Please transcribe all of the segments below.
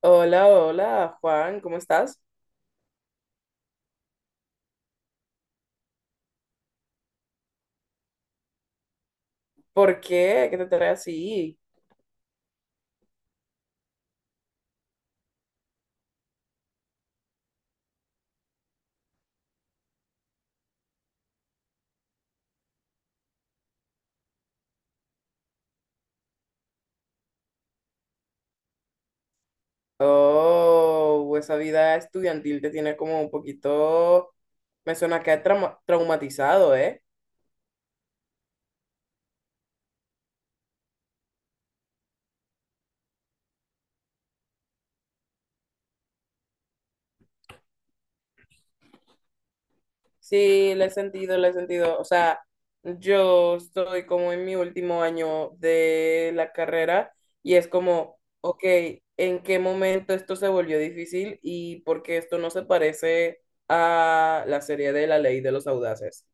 Hola, hola, Juan, ¿cómo estás? ¿Por qué? ¿Qué te trae así? Oh, esa vida estudiantil te tiene como un poquito, me suena que ha traumatizado, ¿eh? Sí, le he sentido, o sea, yo estoy como en mi último año de la carrera y es como, ok, ¿en qué momento esto se volvió difícil y por qué esto no se parece a la serie de La Ley de los Audaces?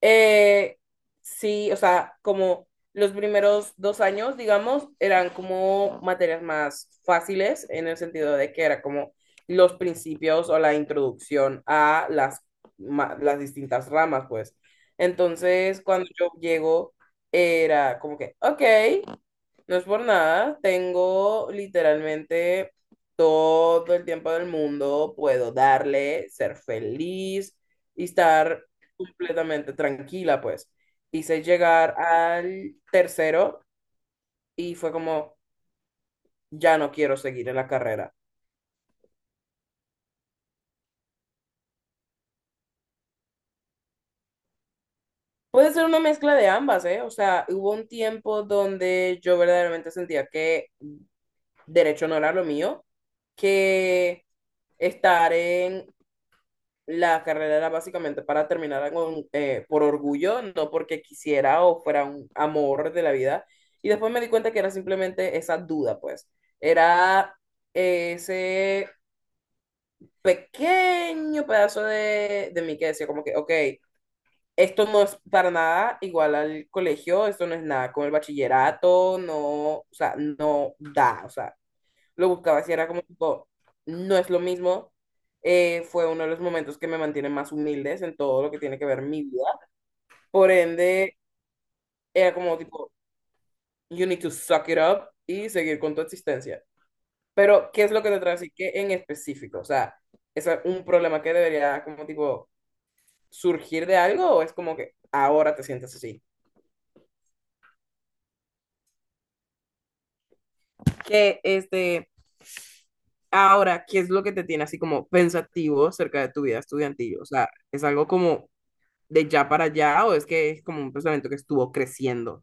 Eh, sí, o sea, como los primeros dos años, digamos, eran como materias más fáciles en el sentido de que era como los principios o la introducción a las, las distintas ramas, pues. Entonces, cuando yo llego, era como que, ok. No es por nada, tengo literalmente todo el tiempo del mundo, puedo darle, ser feliz y estar completamente tranquila, pues. Hice llegar al tercero y fue como, ya no quiero seguir en la carrera. Puede ser una mezcla de ambas, ¿eh? O sea, hubo un tiempo donde yo verdaderamente sentía que derecho no era lo mío, que estar en la carrera era básicamente para terminar con, por orgullo, no porque quisiera o fuera un amor de la vida. Y después me di cuenta que era simplemente esa duda, pues. Era ese pequeño pedazo de mí que decía como que, ok, esto no es para nada igual al colegio, esto no es nada con el bachillerato, no, o sea, no da, o sea, lo buscaba, si era como tipo, no es lo mismo. Fue uno de los momentos que me mantiene más humildes en todo lo que tiene que ver mi vida. Por ende, era como tipo, you need to suck it up y seguir con tu existencia. Pero, ¿qué es lo que te trae así? ¿Qué en específico? O sea, ¿es un problema que debería como tipo surgir de algo o es como que ahora te sientes así? Que este, ahora, ¿qué es lo que te tiene así como pensativo acerca de tu vida estudiantil? O sea, ¿es algo como de ya para allá o es que es como un pensamiento que estuvo creciendo?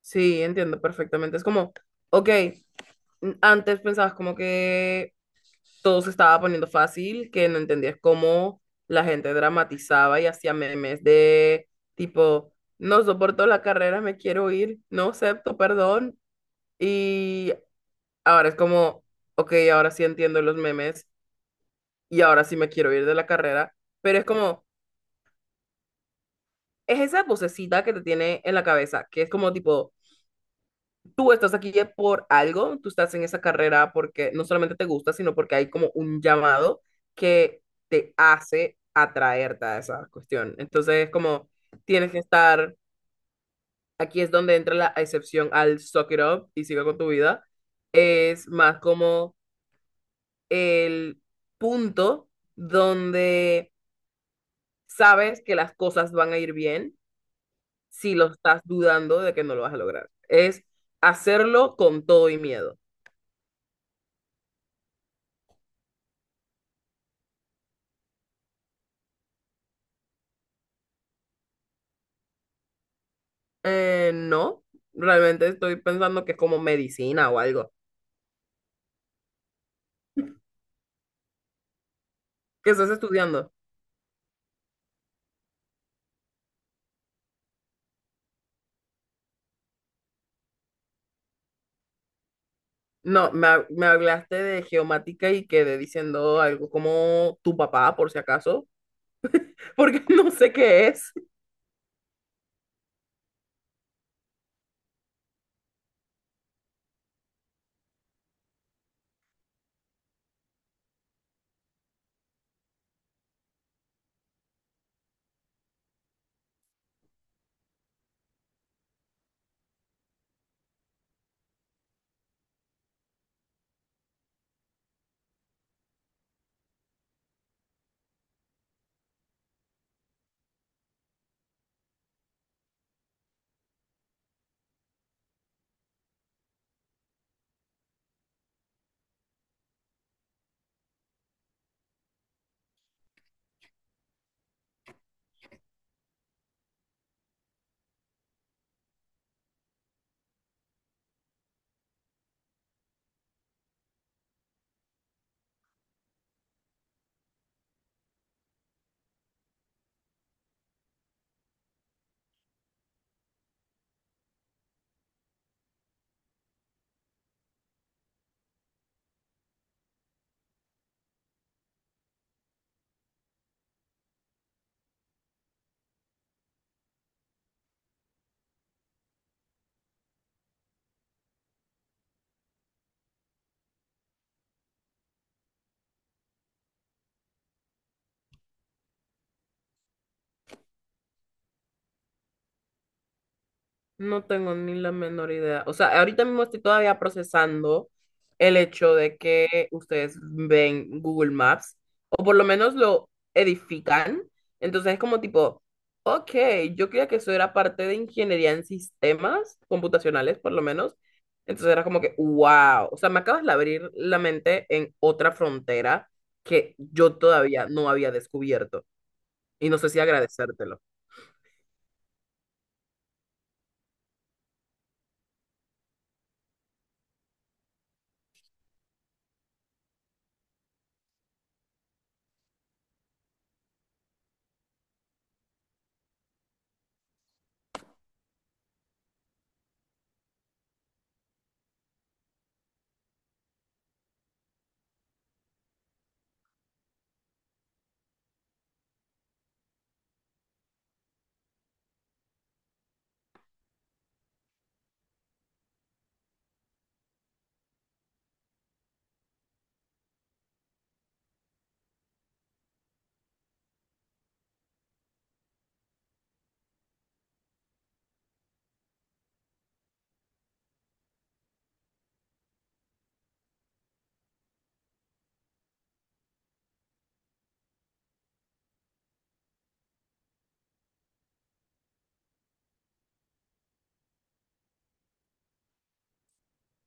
Sí, entiendo perfectamente. Es como, ok, antes pensabas como que todo se estaba poniendo fácil, que no entendías cómo la gente dramatizaba y hacía memes de tipo, no soporto la carrera, me quiero ir, no acepto, perdón. Y ahora es como, ok, ahora sí entiendo los memes y ahora sí me quiero ir de la carrera, pero es como, es esa vocecita que te tiene en la cabeza, que es como tipo tú estás aquí ya por algo, tú estás en esa carrera porque no solamente te gusta, sino porque hay como un llamado que te hace atraerte a esa cuestión. Entonces, como tienes que estar, aquí es donde entra la excepción al suck it up y sigue con tu vida. Es más como el punto donde sabes que las cosas van a ir bien si lo estás dudando de que no lo vas a lograr. Es hacerlo con todo y miedo. No, realmente estoy pensando que es como medicina o algo. ¿Qué estás estudiando? No, me, me hablaste de geomática y quedé diciendo algo como tu papá, por si acaso, porque no sé qué es. No tengo ni la menor idea. O sea, ahorita mismo estoy todavía procesando el hecho de que ustedes ven Google Maps o por lo menos lo edifican. Entonces es como tipo, ok, yo creía que eso era parte de ingeniería en sistemas computacionales, por lo menos. Entonces era como que, wow. O sea, me acabas de abrir la mente en otra frontera que yo todavía no había descubierto. Y no sé si agradecértelo.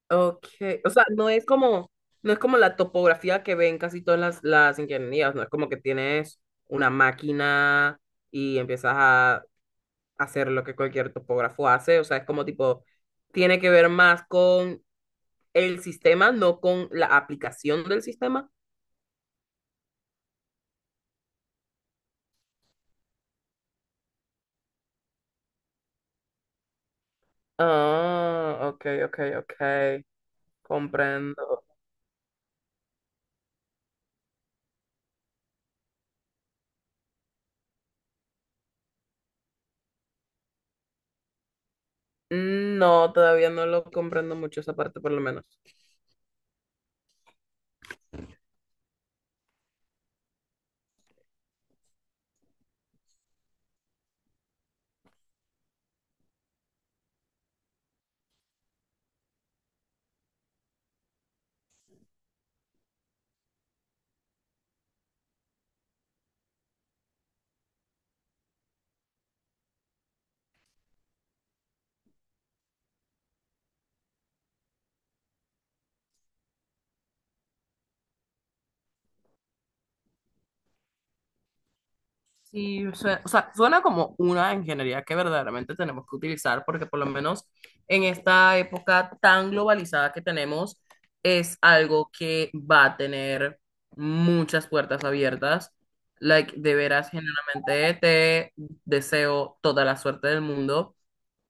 Ok, o sea, no es como, no es como la topografía que ven casi todas las ingenierías, no es como que tienes una máquina y empiezas a hacer lo que cualquier topógrafo hace, o sea, es como tipo, tiene que ver más con el sistema, no con la aplicación del sistema. Ah, ok, ok, ok, comprendo. No, todavía no lo comprendo mucho esa parte, por lo menos. Sí, suena, o sea, suena como una ingeniería que verdaderamente tenemos que utilizar porque por lo menos en esta época tan globalizada que tenemos es algo que va a tener muchas puertas abiertas. Like, de veras, genuinamente te deseo toda la suerte del mundo.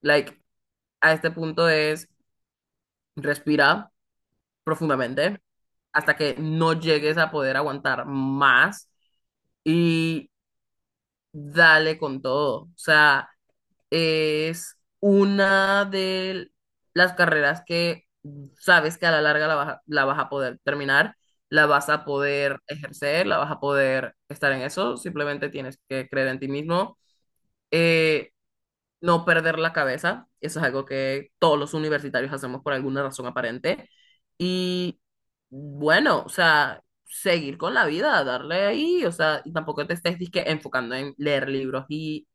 Like, a este punto es respira profundamente hasta que no llegues a poder aguantar más y dale con todo. O sea, es una de las carreras que sabes que a la larga la vas a poder terminar, la vas a poder ejercer, la vas a poder estar en eso, simplemente tienes que creer en ti mismo. Eh, no perder la cabeza, eso es algo que todos los universitarios hacemos por alguna razón aparente. Y bueno, o sea, seguir con la vida, darle ahí, o sea, y tampoco te estés disque enfocando en leer libros y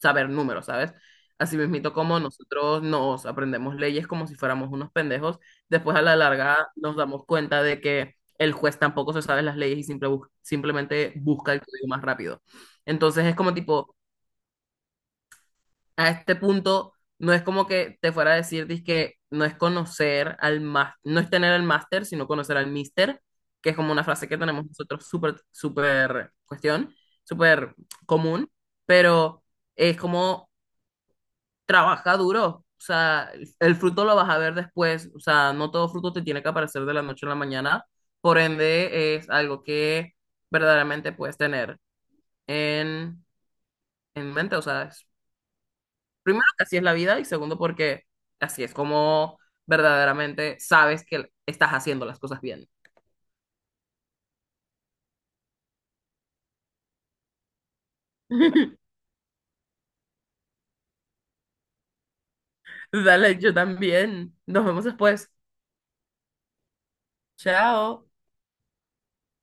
saber números, ¿sabes? Así mismito como nosotros nos aprendemos leyes como si fuéramos unos pendejos, después a la larga nos damos cuenta de que el juez tampoco se sabe las leyes y simplemente busca el código más rápido. Entonces es como tipo a este punto no es como que te fuera a decir que no es conocer al más, no es tener el máster, sino conocer al mister, que es como una frase que tenemos nosotros súper, súper cuestión, súper común, pero es como trabaja duro, o sea, el fruto lo vas a ver después, o sea, no todo fruto te tiene que aparecer de la noche a la mañana, por ende es algo que verdaderamente puedes tener en, en mente, o sea, es primero, que así es la vida y segundo, porque así es como verdaderamente sabes que estás haciendo las cosas bien. Dale, yo también. Nos vemos después. Chao.